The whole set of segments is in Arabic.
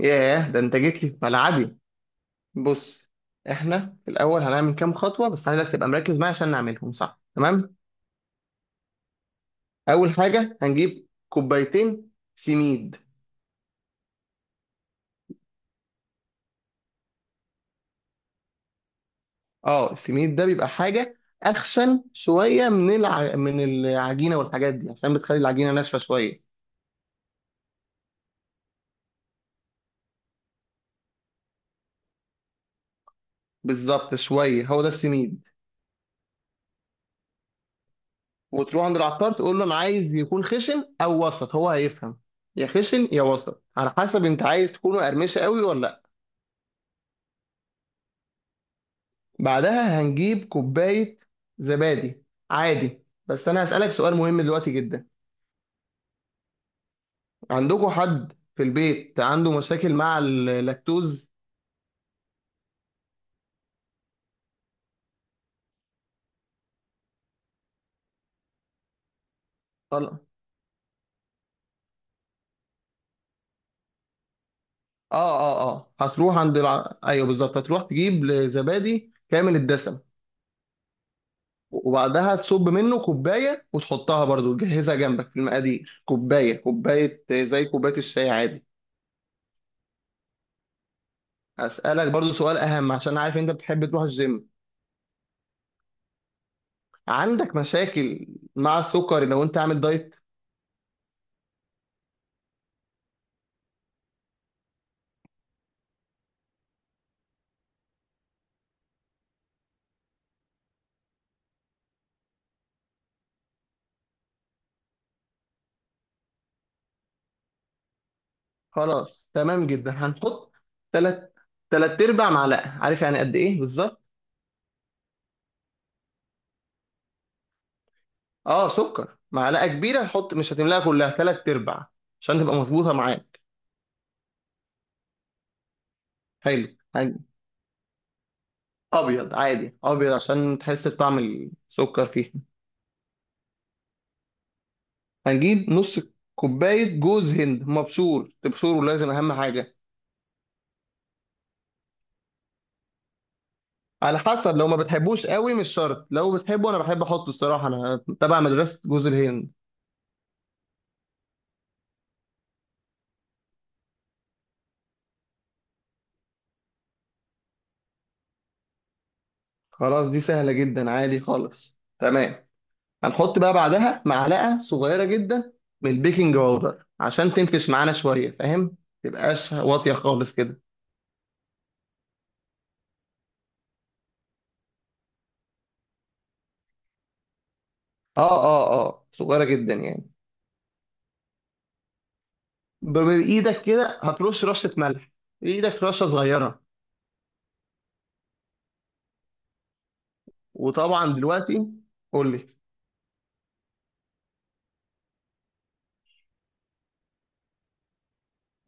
ياه، ده انت جيت لي في ملعبي. بص، احنا في الاول هنعمل كام خطوه بس عايزك تبقى مركز معايا عشان نعملهم صح. تمام. اول حاجه هنجيب كوبايتين سميد. اه السميد ده بيبقى حاجه اخشن شويه من العجينه والحاجات دي عشان بتخلي العجينه ناشفه شويه. بالظبط شويه هو ده السميد. وتروح عند العطار تقول له انا عايز يكون خشن او وسط، هو هيفهم. يا خشن يا وسط على حسب انت عايز تكونه قرمشه قوي ولا. بعدها هنجيب كوباية زبادي عادي، بس أنا هسألك سؤال مهم دلوقتي جدا. عندكم حد في البيت عنده مشاكل مع اللاكتوز؟ خلاص. اه اه اه، هتروح عند ايوه بالظبط هتروح تجيب زبادي كامل الدسم. وبعدها تصب منه كوباية وتحطها برضو، تجهزها جنبك في المقادير، كوباية، كوباية زي كوباية الشاي عادي. هسألك برضو سؤال أهم، عشان عارف أنت بتحب تروح الجيم. عندك مشاكل مع السكر لو أنت عامل دايت؟ خلاص. تمام جدا. هنحط تلات تلات ارباع معلقه، عارف يعني قد ايه بالظبط. اه، سكر، معلقه كبيره هنحط مش هتملاها كلها، تلات ارباع عشان تبقى مظبوطه معاك. حلو. ابيض عادي، ابيض عشان تحس بطعم السكر فيه. هنجيب نص كوبايه جوز هند مبشور، تبشره لازم اهم حاجه. على حسب، لو ما بتحبوش قوي مش شرط، لو بتحبه انا بحب احطه الصراحه، انا تبع مدرسه جوز الهند. خلاص دي سهله جدا عادي خالص. تمام. هنحط بقى بعدها معلقه صغيره جدا من البيكنج باودر، عشان تنفش معانا شويه فاهم، تبقاش واطيه خالص كده. اه اه اه، صغيره جدا يعني. بايدك كده هترش رشه ملح، بايدك رشه صغيره. وطبعا دلوقتي. قول لي.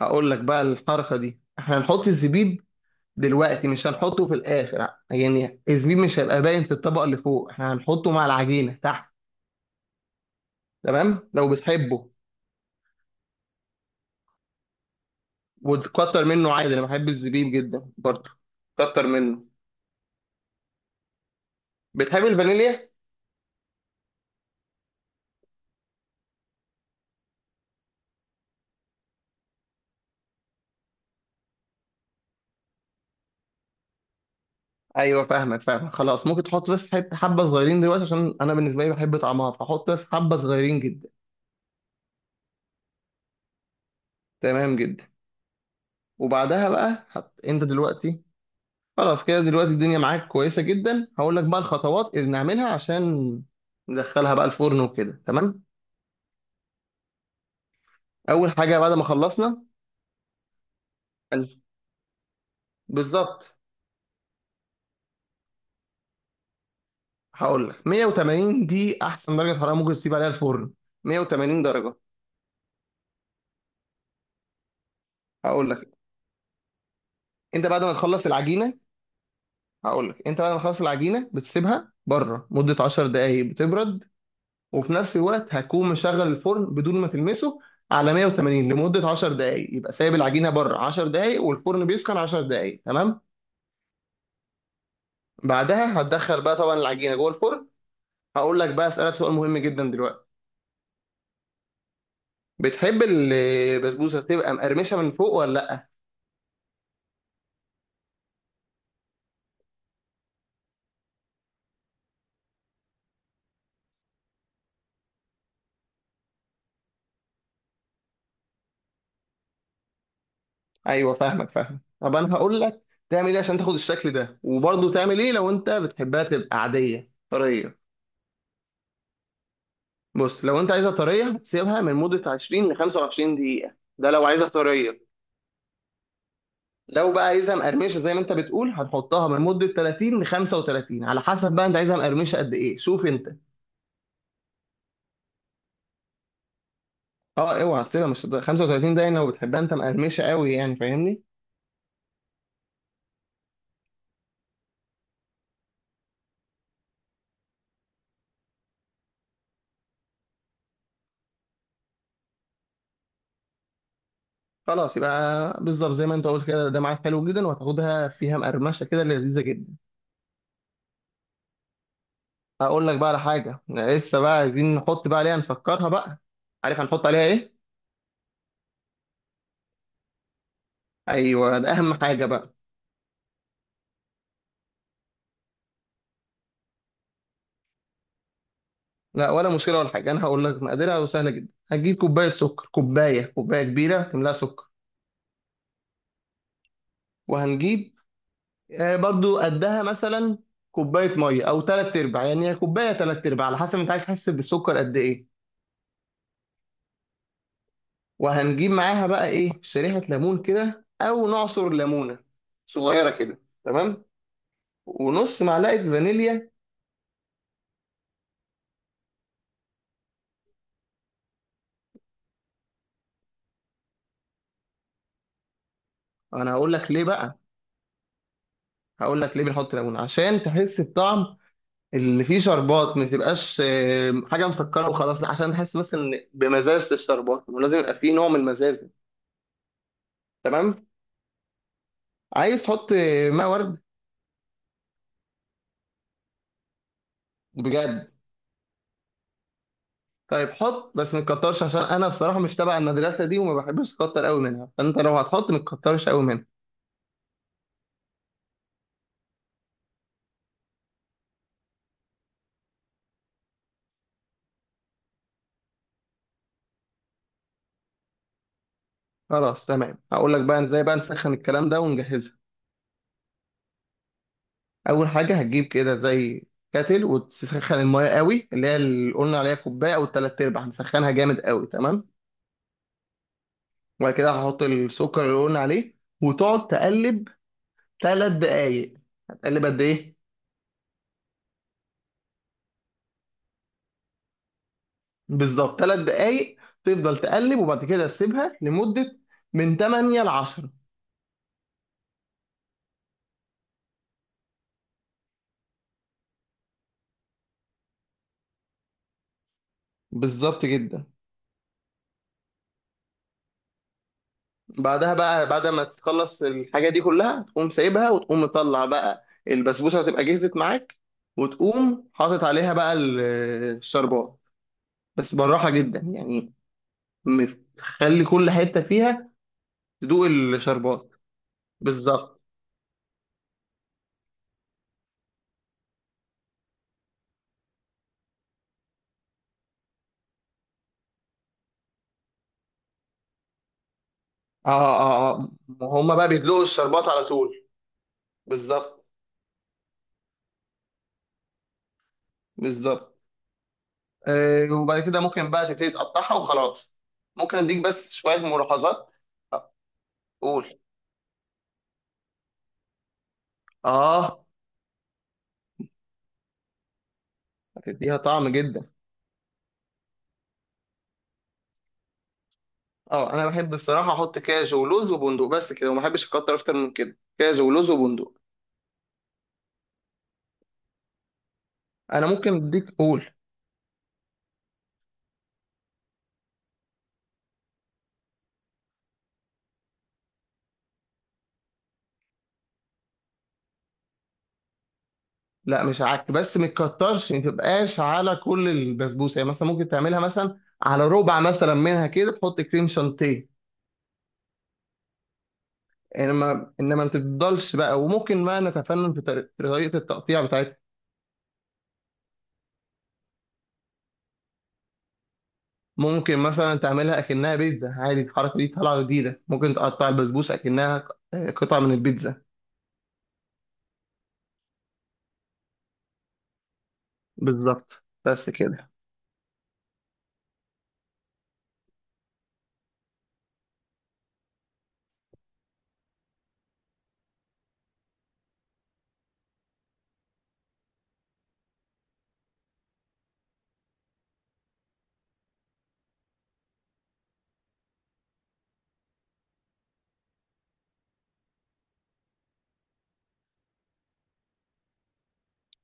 هقول لك بقى الحركه دي، احنا هنحط الزبيب دلوقتي مش هنحطه في الاخر، يعني الزبيب مش هيبقى باين في الطبقه اللي فوق، احنا هنحطه مع العجينه تحت. تمام. لو بتحبه وتكتر منه عادي، انا بحب الزبيب جدا برضه. كتر منه. بتحب الفانيليا؟ ايوه فاهمك فاهمك، خلاص ممكن تحط بس حبه صغيرين دلوقتي، عشان انا بالنسبه لي بحب طعمها، فحط بس حبه صغيرين جدا. تمام جدا. وبعدها بقى حط انت دلوقتي. خلاص كده دلوقتي الدنيا معاك كويسه جدا. هقول لك بقى الخطوات اللي نعملها عشان ندخلها بقى الفرن وكده. تمام. اول حاجه بعد ما خلصنا هنس- بالظبط. هقول لك، 180 دي احسن درجه حراره ممكن تسيب عليها الفرن، 180 درجه. هقول لك انت بعد ما تخلص العجينه هقول لك، انت بعد ما تخلص العجينه بتسيبها بره مده 10 دقائق بتبرد، وفي نفس الوقت هتكون مشغل الفرن بدون ما تلمسه على 180 لمده 10 دقائق، يبقى سايب العجينه بره 10 دقائق والفرن بيسخن 10 دقائق. تمام. بعدها هتدخل بقى طبعا العجينه جوه الفرن. هقول لك بقى، اسالك سؤال مهم جدا دلوقتي، بتحب البسبوسه تبقى مقرمشه من فوق ولا لا؟ ايوه فاهمك فاهمك، طب انا هقول لك تعمل ايه عشان تاخد الشكل ده، وبرضه تعمل ايه لو انت بتحبها تبقى عاديه طريه. بص، لو انت عايزها طريه سيبها من مده 20 ل 25 دقيقه، ده لو عايزها طريه. لو بقى عايزها مقرمشه زي ما انت بتقول هنحطها من مده 30 ل 35، على حسب بقى انت عايزها مقرمشه قد ايه، شوف انت. اه، اوعى تسيبها مش 35 ده، يعني لو بتحبها انت مقرمشه قوي، يعني فاهمني. خلاص يبقى بالظبط زي ما انت قلت كده، ده معاك حلو جدا، وهتاخدها فيها مقرمشه كده لذيذه جدا. هقول لك بقى على حاجه لسه بقى عايزين نحط بقى عليها نسكرها بقى، عارف هنحط عليها ايه؟ ايوه ده اهم حاجه بقى. لا ولا مشكله ولا حاجه، انا هقول لك مقاديرها سهله جدا. هتجيب كوبايه سكر، كوبايه، كوبايه كبيره تملاها سكر. وهنجيب برضو قدها مثلا كوبايه ميه او ثلاث ارباع، يعني هي كوبايه ثلاث ارباع على حسب انت عايز تحس بالسكر قد ايه. وهنجيب معاها بقى ايه، شريحه ليمون كده او نعصر ليمونه صغيره كده. تمام. ونص معلقه فانيليا. انا هقول لك ليه بقى، هقول لك ليه بنحط ليمون، عشان تحس بطعم اللي فيه شربات، ما تبقاش حاجه مسكره وخلاص لا، عشان تحس بس ان بمزازه الشربات، ولازم يبقى فيه نوع من المزازه. تمام. عايز تحط ماء ورد؟ بجد؟ طيب حط بس ما تكترش، عشان انا بصراحه مش تبع المدرسه دي، وما بحبش اكتر قوي منها، فانت لو هتحط ما تكترش قوي منها. خلاص تمام. هقول لك بقى ازاي بقى نسخن الكلام ده ونجهزها. اول حاجه هتجيب كده زي كاتل وتسخن المايه قوي، اللي هي اللي قلنا عليها كوبايه او ثلاث ارباع، نسخنها جامد قوي. تمام. وبعد كده هحط السكر اللي قلنا عليه، وتقعد تقلب ثلاث دقايق. هتقلب قد ايه؟ بالظبط ثلاث دقايق. تفضل تقلب، وبعد كده تسيبها لمدة من 8 ل 10. بالظبط جدا. بعدها بقى، بعد ما تخلص الحاجة دي كلها تقوم سايبها، وتقوم مطلع بقى البسبوسة، هتبقى جهزت معاك، وتقوم حاطط عليها بقى الشربات، بس بالراحة جدا يعني. م- خلي كل حتة فيها تدوق الشربات. بالظبط. اه اه اه، ما هما بقى بيدلقوا الشربات على طول. بالظبط بالظبط. وبعد كده ممكن بقى تبتدي تقطعها وخلاص. ممكن اديك بس شوية ملاحظات. قول. اه، هتديها طعم جدا. اه انا بحب بصراحة احط كاجو ولوز وبندق بس كده، وما بحبش اكتر اكتر من كده، كاجو ولوز وبندق. انا ممكن اديك، قول. لا مش عك، بس ما تكترش، ما تبقاش على كل البسبوسة، يعني مثلا ممكن تعملها مثلا على ربع مثلا منها كده تحط كريم شانتيه. انما ما تفضلش بقى، وممكن بقى نتفنن في في طريقه التقطيع بتاعتها. ممكن مثلا تعملها اكنها بيتزا عادي، الحركه دي طالعه جديده، ممكن تقطع البسبوسه اكنها قطعه من البيتزا. بالظبط. بس كده.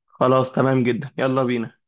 خلاص تمام جدا، يلا بينا.